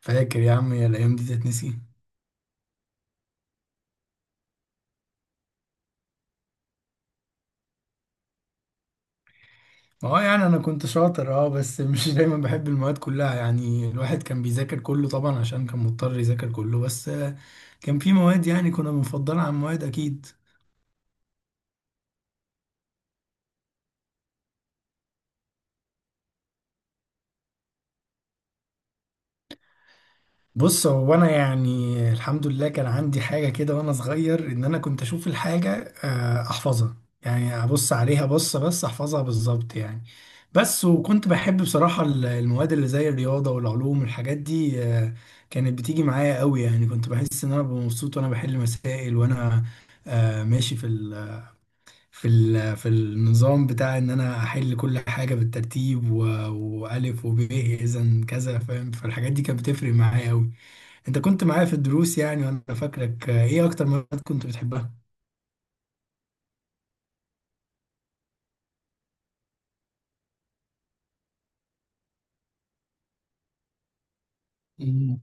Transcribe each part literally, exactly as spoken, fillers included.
فاكر يا عم، يا الايام دي تتنسي. ما هو يعني انا كنت شاطر اه بس مش دايما بحب المواد كلها. يعني الواحد كان بيذاكر كله طبعا عشان كان مضطر يذاكر كله بس آه، كان في مواد يعني كنا بنفضلها عن مواد اكيد. بص، هو انا يعني الحمد لله كان عندي حاجه كده وانا صغير، ان انا كنت اشوف الحاجه آه، احفظها. يعني ابص عليها بصه بس احفظها بالظبط يعني. بس وكنت بحب بصراحه ال- المواد اللي زي الرياضه والعلوم والحاجات دي آه، كانت بتيجي معايا قوي، يعني كنت بحس ان انا ببقى مبسوط وانا بحل مسائل وانا آه، ماشي في ال في ال في النظام بتاع ان انا احل كل حاجه بالترتيب و- والف وب اذا كذا، فاهم، فالحاجات دي كانت بتفرق معايا قوي. انت كنت معايا في الدروس يعني، وانا فاكرك. آه، ايه اكتر مواد كنت بتحبها؟ مم.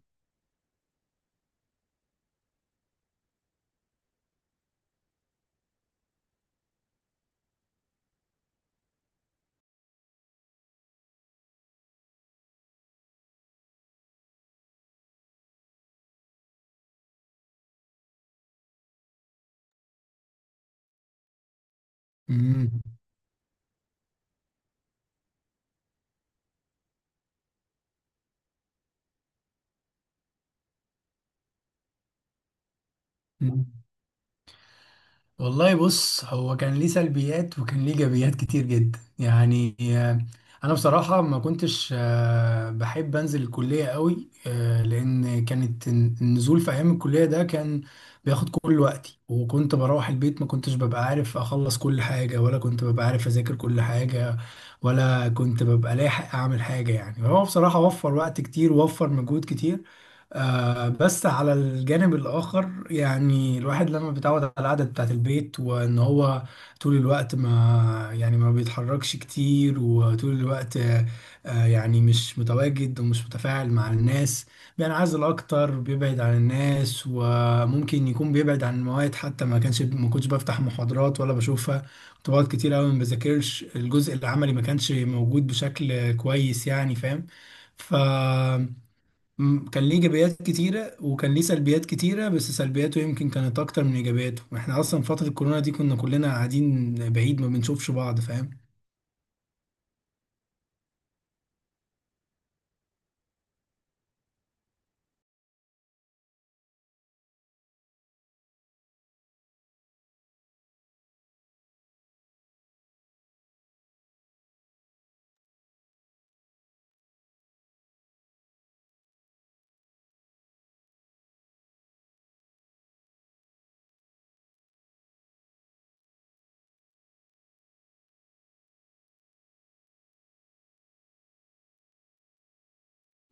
امم والله بص، هو كان ليه سلبيات وكان ليه ايجابيات كتير جدا يعني آه، انا بصراحه ما كنتش آه، بحب انزل الكليه قوي آه، لان كانت الن- النزول في ايام الكليه ده كان بياخد كل وقتي، وكنت بروح البيت ما كنتش ببقى عارف اخلص كل حاجه، ولا كنت ببقى عارف اذاكر كل حاجه، ولا كنت ببقى لاحق اعمل حاجه. يعني هو بصراحه وفر وقت كتير ووفر مجهود كتير. آه بس على الجانب الآخر، يعني الواحد لما بيتعود على القعدة بتاعت البيت وإن هو طول الوقت ما يعني ما بيتحركش كتير، وطول الوقت آه آه، يعني مش متواجد ومش متفاعل مع الناس، بينعزل أكتر، بيبعد عن الناس، وممكن يكون بيبعد عن المواد حتى. ما كانش ما كنتش بفتح محاضرات ولا بشوفها، كنت بقعد كتير أوي ما بذاكرش، الجزء العملي ما كانش موجود بشكل كويس، يعني فاهم. ف مم، كان ليه ايجابيات كتيره وكان ليه سلبيات كتيره، بس سلبياته يمكن كانت اكتر من ايجابياته، واحنا اصلا فتره الكورونا دي كنا كلنا قاعدين بعيد ما بنشوفش بعض، فاهم.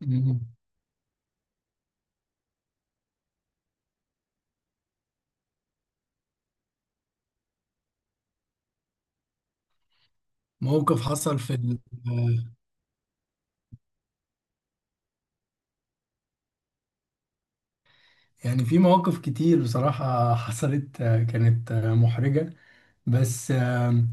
مم. موقف حصل في ال... آه، يعني في مواقف كتير بصراحه حصلت آه، كانت آه، محرجه. بس آه،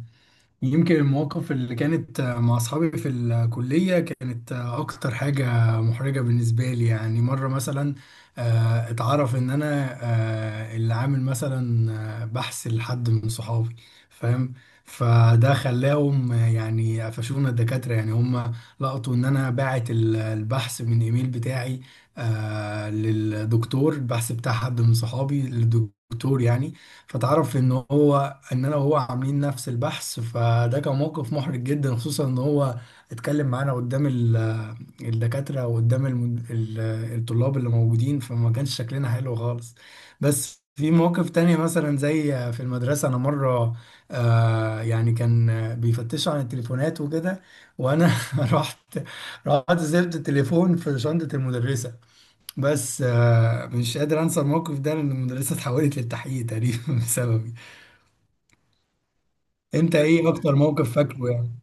يمكن المواقف اللي كانت مع أصحابي في الكلية كانت أكتر حاجة محرجة بالنسبة لي. يعني مرة مثلا آه، اتعرف إن أنا آه، اللي عامل مثلا آه، بحث لحد من صحابي، فاهم، فده خلاهم آه، يعني قفشونا الدكاترة. يعني هم لقطوا إن أنا باعت ال- البحث من إيميل بتاعي آه، للدكتور، البحث بتاع حد من صحابي للدكتور يعني. فتعرف ان هو ان انا وهو عاملين نفس البحث، فده كان موقف محرج جدا، خصوصا ان هو اتكلم معانا قدام ال- آه، الدكاترة، وقدام المد... ال- الطلاب اللي موجودين، فما كانش شكلنا حلو خالص. بس في مواقف تانية مثلا زي في المدرسة، أنا مرة آه يعني كان بيفتشوا عن التليفونات وكده، وأنا رحت رحت سبت التليفون في شنطة المدرسة. بس آه، مش قادر أنسى الموقف ده لأن المدرسة اتحولت للتحقيق تقريبا بسببي. انت ايه اكتر موقف فاكره يعني؟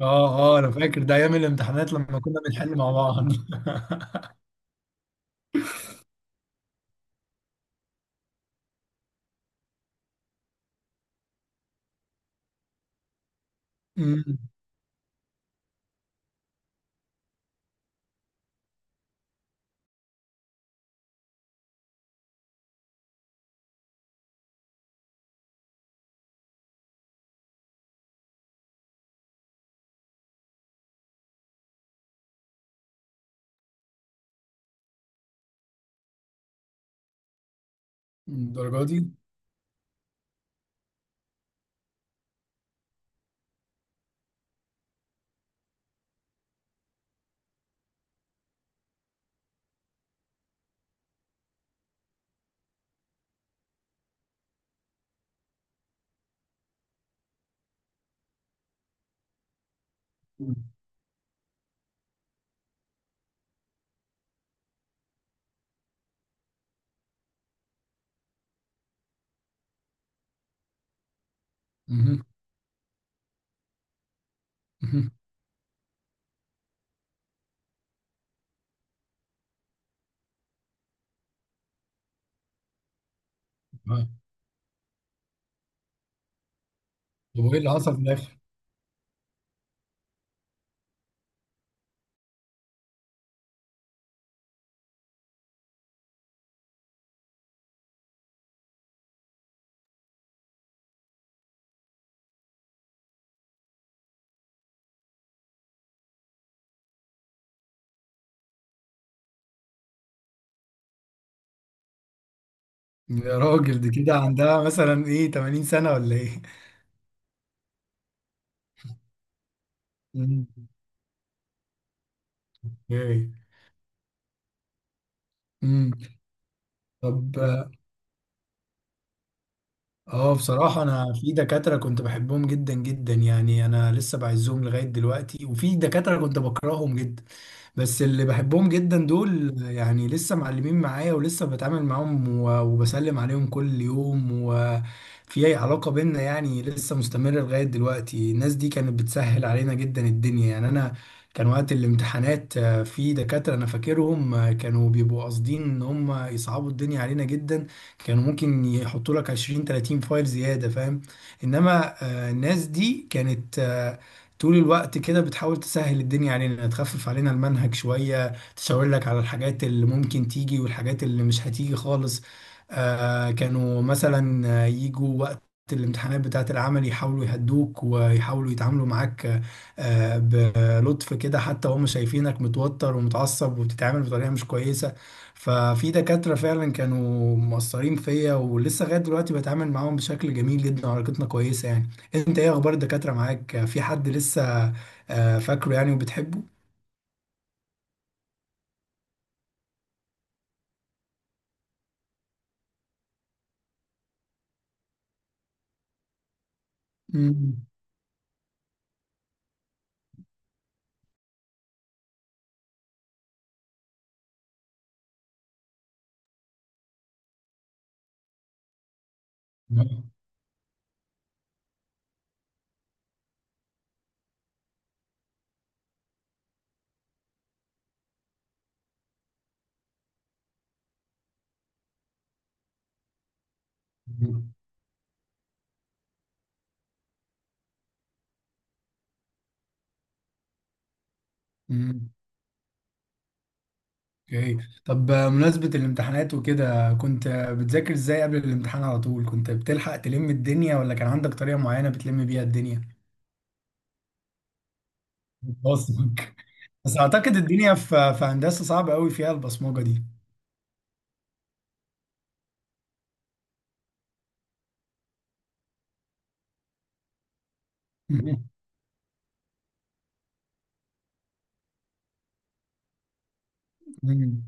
اه، اه، انا فاكر ده ايام الامتحانات لما كنا بنحل مع بعض. امم الدرجه دي. مهم. مهم. آه. طب وايه اللي حصل في الاخر؟ يا راجل، دي كده عندها مثلا ايه، ثمانين سنه ولا ايه؟ امم ايه امم طب، اه، بصراحة أنا في دكاترة كنت بحبهم جدا جدا، يعني أنا لسه بعزهم لغاية دلوقتي، وفي دكاترة كنت بكرههم جدا. بس اللي بحبهم جدا دول يعني لسه معلمين معايا ولسه بتعامل معاهم و- وبسلم عليهم كل يوم، وفي أي علاقة بينا يعني لسه مستمرة لغاية دلوقتي. الناس دي كانت بتسهل علينا جدا الدنيا، يعني أنا كان وقت الامتحانات آه، في دكاترة أنا فاكرهم آه، كانوا بيبقوا قاصدين إن هم يصعبوا الدنيا علينا جدا. كانوا ممكن يحطوا لك عشرين تلاتين فايل زيادة، فاهم. انما آه، الناس دي كانت آه، طول الوقت كده بتحاول تسهل الدنيا علينا، تخفف علينا المنهج شوية، تشاور لك على الحاجات اللي ممكن تيجي والحاجات اللي مش هتيجي خالص. آه، كانوا مثلا آه، يجوا وقت الامتحانات بتاعة العمل يحاولوا يهدوك ويحاولوا يتعاملوا معاك آه، بلطف كده، حتى وهم شايفينك متوتر ومتعصب وبتتعامل بطريقة مش كويسة. ففي دكاترة فعلا كانوا مؤثرين فيا، ولسه لغاية دلوقتي بتعامل معاهم بشكل جميل جدا وعلاقتنا كويسة يعني. انت ايه اخبار الدكاترة معاك، في حد لسه آه، فاكره يعني وبتحبه؟ مم. مم. اوكي. طب آه، مناسبة الامتحانات وكده، كنت آه، بتذاكر ازاي قبل الامتحان؟ على طول كنت بتلحق تلم الدنيا، ولا كان عندك طريقة معينة بتلم بيها الدنيا؟ بصمك. بس اعتقد الدنيا في في هندسة صعبة قوي فيها البصمجة دي. مم. مم.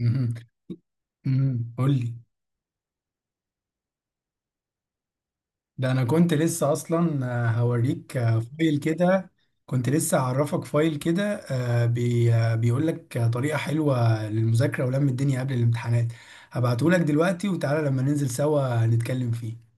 مهم. امم قول لي. ده انا كنت لسه اصلا آه، هوريك آه، فايل كده، كنت لسه هعرفك فايل كده. آه، بي آه، بيقول لك آه، طريقة حلوة للمذاكرة ولم الدنيا قبل الامتحانات. هبعته لك دلوقتي، وتعالى لما ننزل سوا نتكلم فيه.